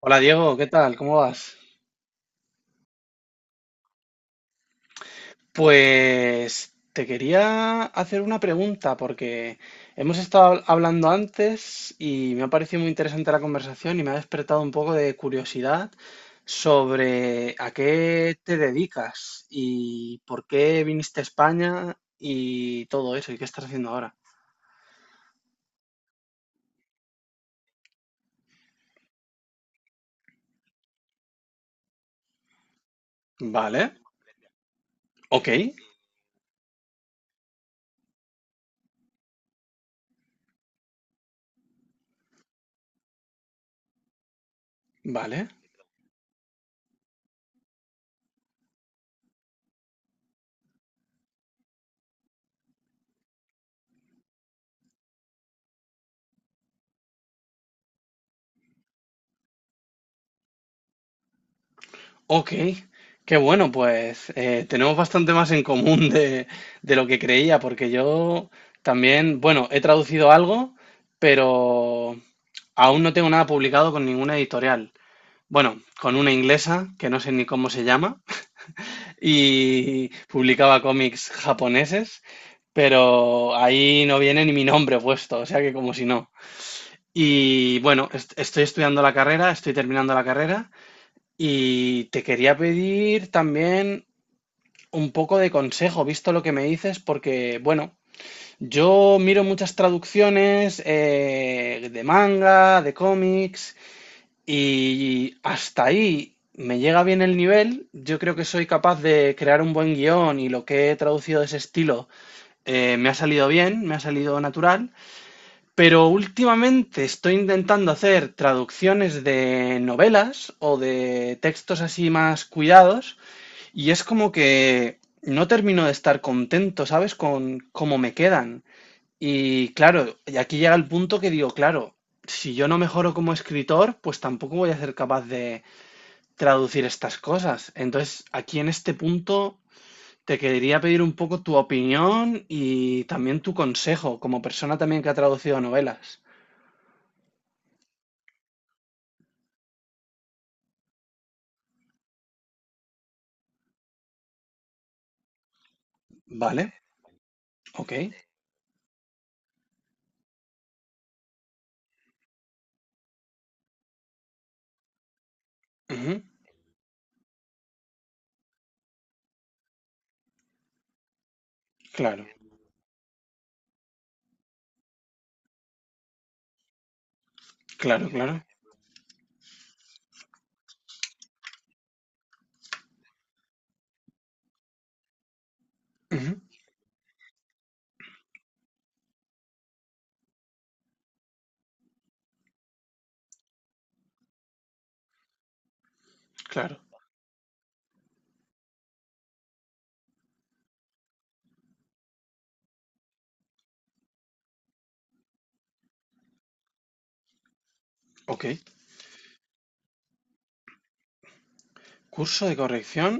Hola Diego, ¿qué tal? ¿Cómo vas? Pues te quería hacer una pregunta porque hemos estado hablando antes y me ha parecido muy interesante la conversación y me ha despertado un poco de curiosidad sobre a qué te dedicas y por qué viniste a España y todo eso y qué estás haciendo ahora. Vale, ok, vale. Ok, qué bueno, pues tenemos bastante más en común de lo que creía, porque yo también, bueno, he traducido algo, pero aún no tengo nada publicado con ninguna editorial. Bueno, con una inglesa, que no sé ni cómo se llama, y publicaba cómics japoneses, pero ahí no viene ni mi nombre puesto, o sea que como si no. Y bueno, estoy estudiando la carrera, estoy terminando la carrera. Y te quería pedir también un poco de consejo, visto lo que me dices, porque, bueno, yo miro muchas traducciones de manga, de cómics, y hasta ahí me llega bien el nivel. Yo creo que soy capaz de crear un buen guión y lo que he traducido de ese estilo me ha salido bien, me ha salido natural, pero últimamente estoy intentando hacer traducciones de novelas o de textos así más cuidados y es como que no termino de estar contento, ¿sabes? Con cómo me quedan. Y claro, y aquí llega el punto que digo, claro, si yo no mejoro como escritor, pues tampoco voy a ser capaz de traducir estas cosas. Entonces, aquí en este punto te quería pedir un poco tu opinión y también tu consejo como persona también que ha traducido novelas. ¿Vale? Ok. Ujú. Claro, claro, claro. Ujú. Claro. Ok. Curso de corrección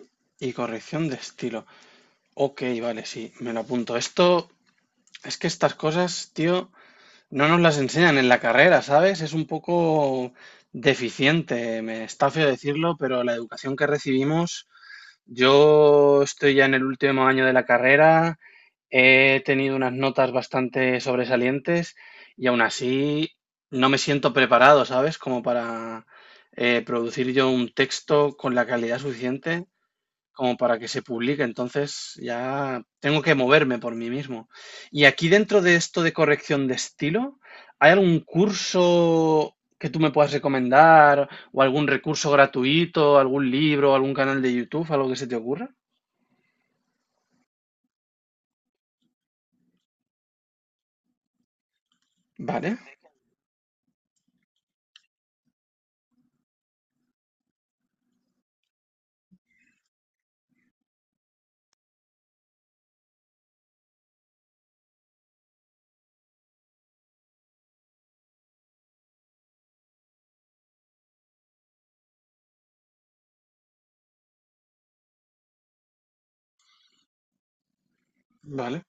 y corrección de estilo. Ok, vale, sí, me lo apunto. Esto es que estas cosas, tío, no nos las enseñan en la carrera, ¿sabes? Es un poco deficiente, me está feo decirlo, pero la educación que recibimos, yo estoy ya en el último año de la carrera, he tenido unas notas bastante sobresalientes y aún así no me siento preparado, ¿sabes? Como para producir yo un texto con la calidad suficiente como para que se publique. Entonces ya tengo que moverme por mí mismo. Y aquí dentro de esto de corrección de estilo, ¿hay algún curso que tú me puedas recomendar o algún recurso gratuito, algún libro, algún canal de YouTube, algo que se te ocurra? Vale, vale.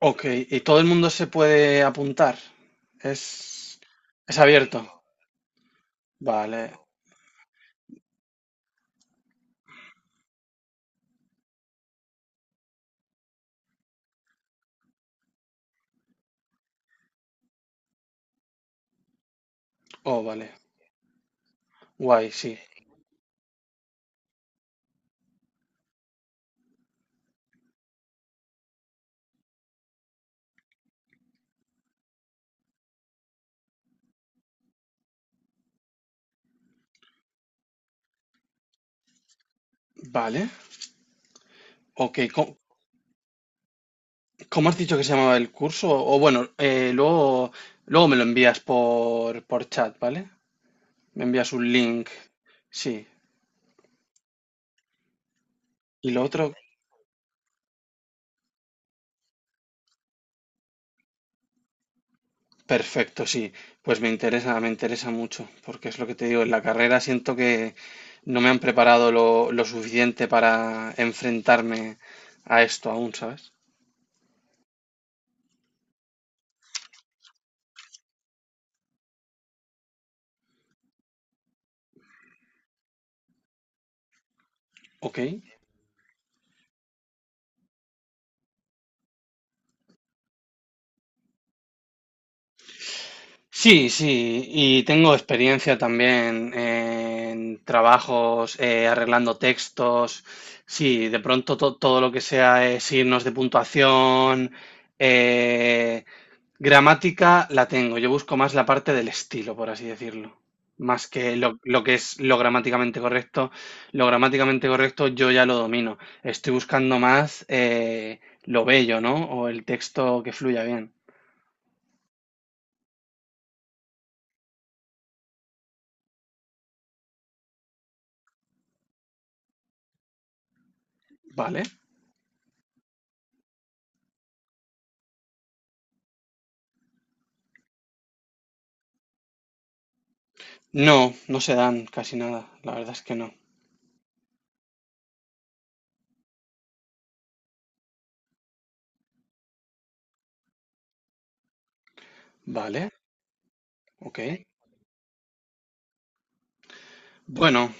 Ok, y todo el mundo se puede apuntar. Es, es abierto. Vale. Oh, vale. Guay, sí. Vale. Ok, ¿cómo has dicho que se llamaba el curso? O bueno, luego, luego me lo envías por chat, ¿vale? Me envías un link. Sí. Y lo otro, perfecto, sí. Pues me interesa mucho, porque es lo que te digo, en la carrera siento que no me han preparado lo suficiente para enfrentarme a esto aún, ¿sabes? Ok. Sí, sí, y tengo experiencia también en trabajos arreglando textos. Sí, de pronto todo lo que sea signos de puntuación, eh, gramática, la tengo. Yo busco más la parte del estilo, por así decirlo. Más que lo que es lo gramáticamente correcto. Lo gramáticamente correcto yo ya lo domino. Estoy buscando más lo bello, ¿no? O el texto que fluya bien. ¿Vale? No, no se dan casi nada, la verdad es que no. Vale, ok. Bueno,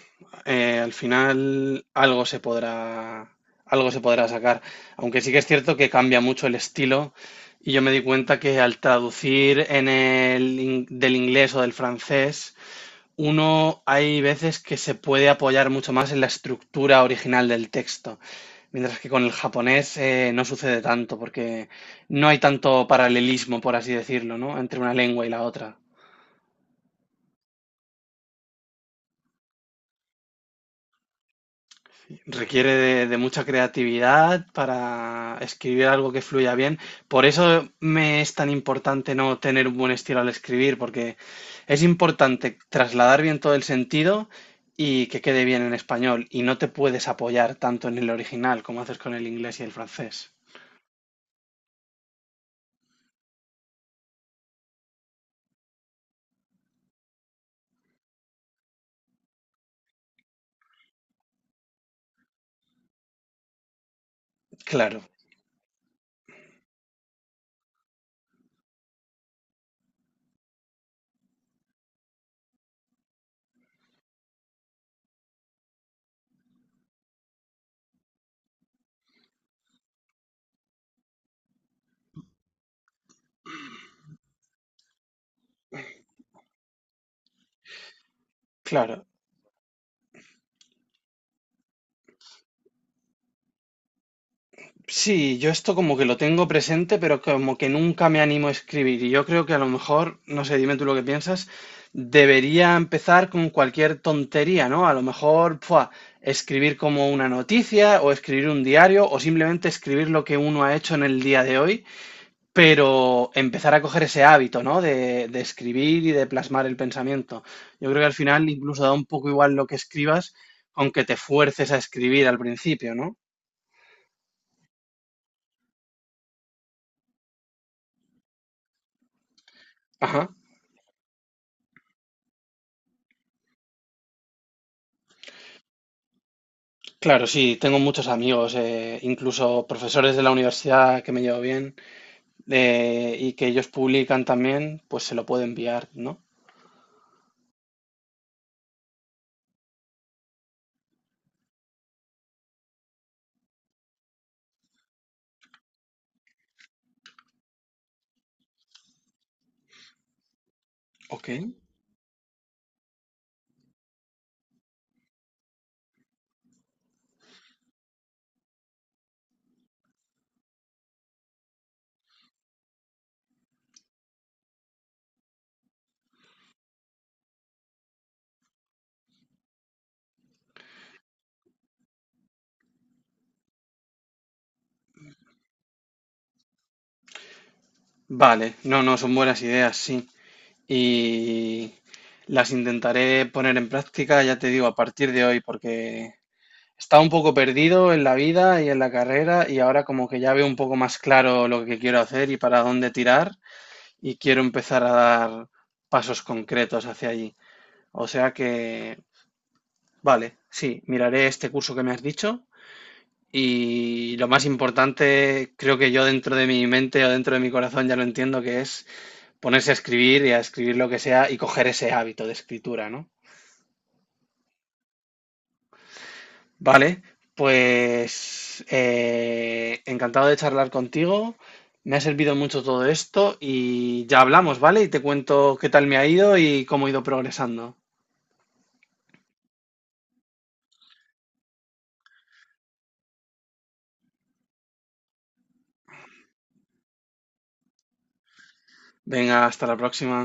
al final algo se podrá sacar, aunque sí que es cierto que cambia mucho el estilo y yo me di cuenta que al traducir en el, del inglés o del francés, uno hay veces que se puede apoyar mucho más en la estructura original del texto. Mientras que con el japonés no sucede tanto, porque no hay tanto paralelismo, por así decirlo, ¿no? Entre una lengua y la otra. Requiere de mucha creatividad para escribir algo que fluya bien. Por eso me es tan importante no tener un buen estilo al escribir, porque es importante trasladar bien todo el sentido y que quede bien en español. Y no te puedes apoyar tanto en el original como haces con el inglés y el francés. Claro, claro. Sí, yo esto como que lo tengo presente, pero como que nunca me animo a escribir. Y yo creo que a lo mejor, no sé, dime tú lo que piensas, debería empezar con cualquier tontería, ¿no? A lo mejor, ¡fua! Escribir como una noticia o escribir un diario o simplemente escribir lo que uno ha hecho en el día de hoy, pero empezar a coger ese hábito, ¿no? De escribir y de plasmar el pensamiento. Yo creo que al final incluso da un poco igual lo que escribas, aunque te fuerces a escribir al principio, ¿no? Ajá. Claro, sí, tengo muchos amigos, incluso profesores de la universidad que me llevo bien y que ellos publican también, pues se lo puedo enviar, ¿no? Ok. Vale, no, no, son buenas ideas, sí. Y las intentaré poner en práctica, ya te digo, a partir de hoy, porque estaba un poco perdido en la vida y en la carrera y ahora como que ya veo un poco más claro lo que quiero hacer y para dónde tirar y quiero empezar a dar pasos concretos hacia allí. O sea que vale, sí, miraré este curso que me has dicho y lo más importante, creo que yo dentro de mi mente o dentro de mi corazón ya lo entiendo, que es ponerse a escribir y a escribir lo que sea y coger ese hábito de escritura, ¿no? Vale, pues encantado de charlar contigo, me ha servido mucho todo esto y ya hablamos, ¿vale? Y te cuento qué tal me ha ido y cómo he ido progresando. Venga, hasta la próxima.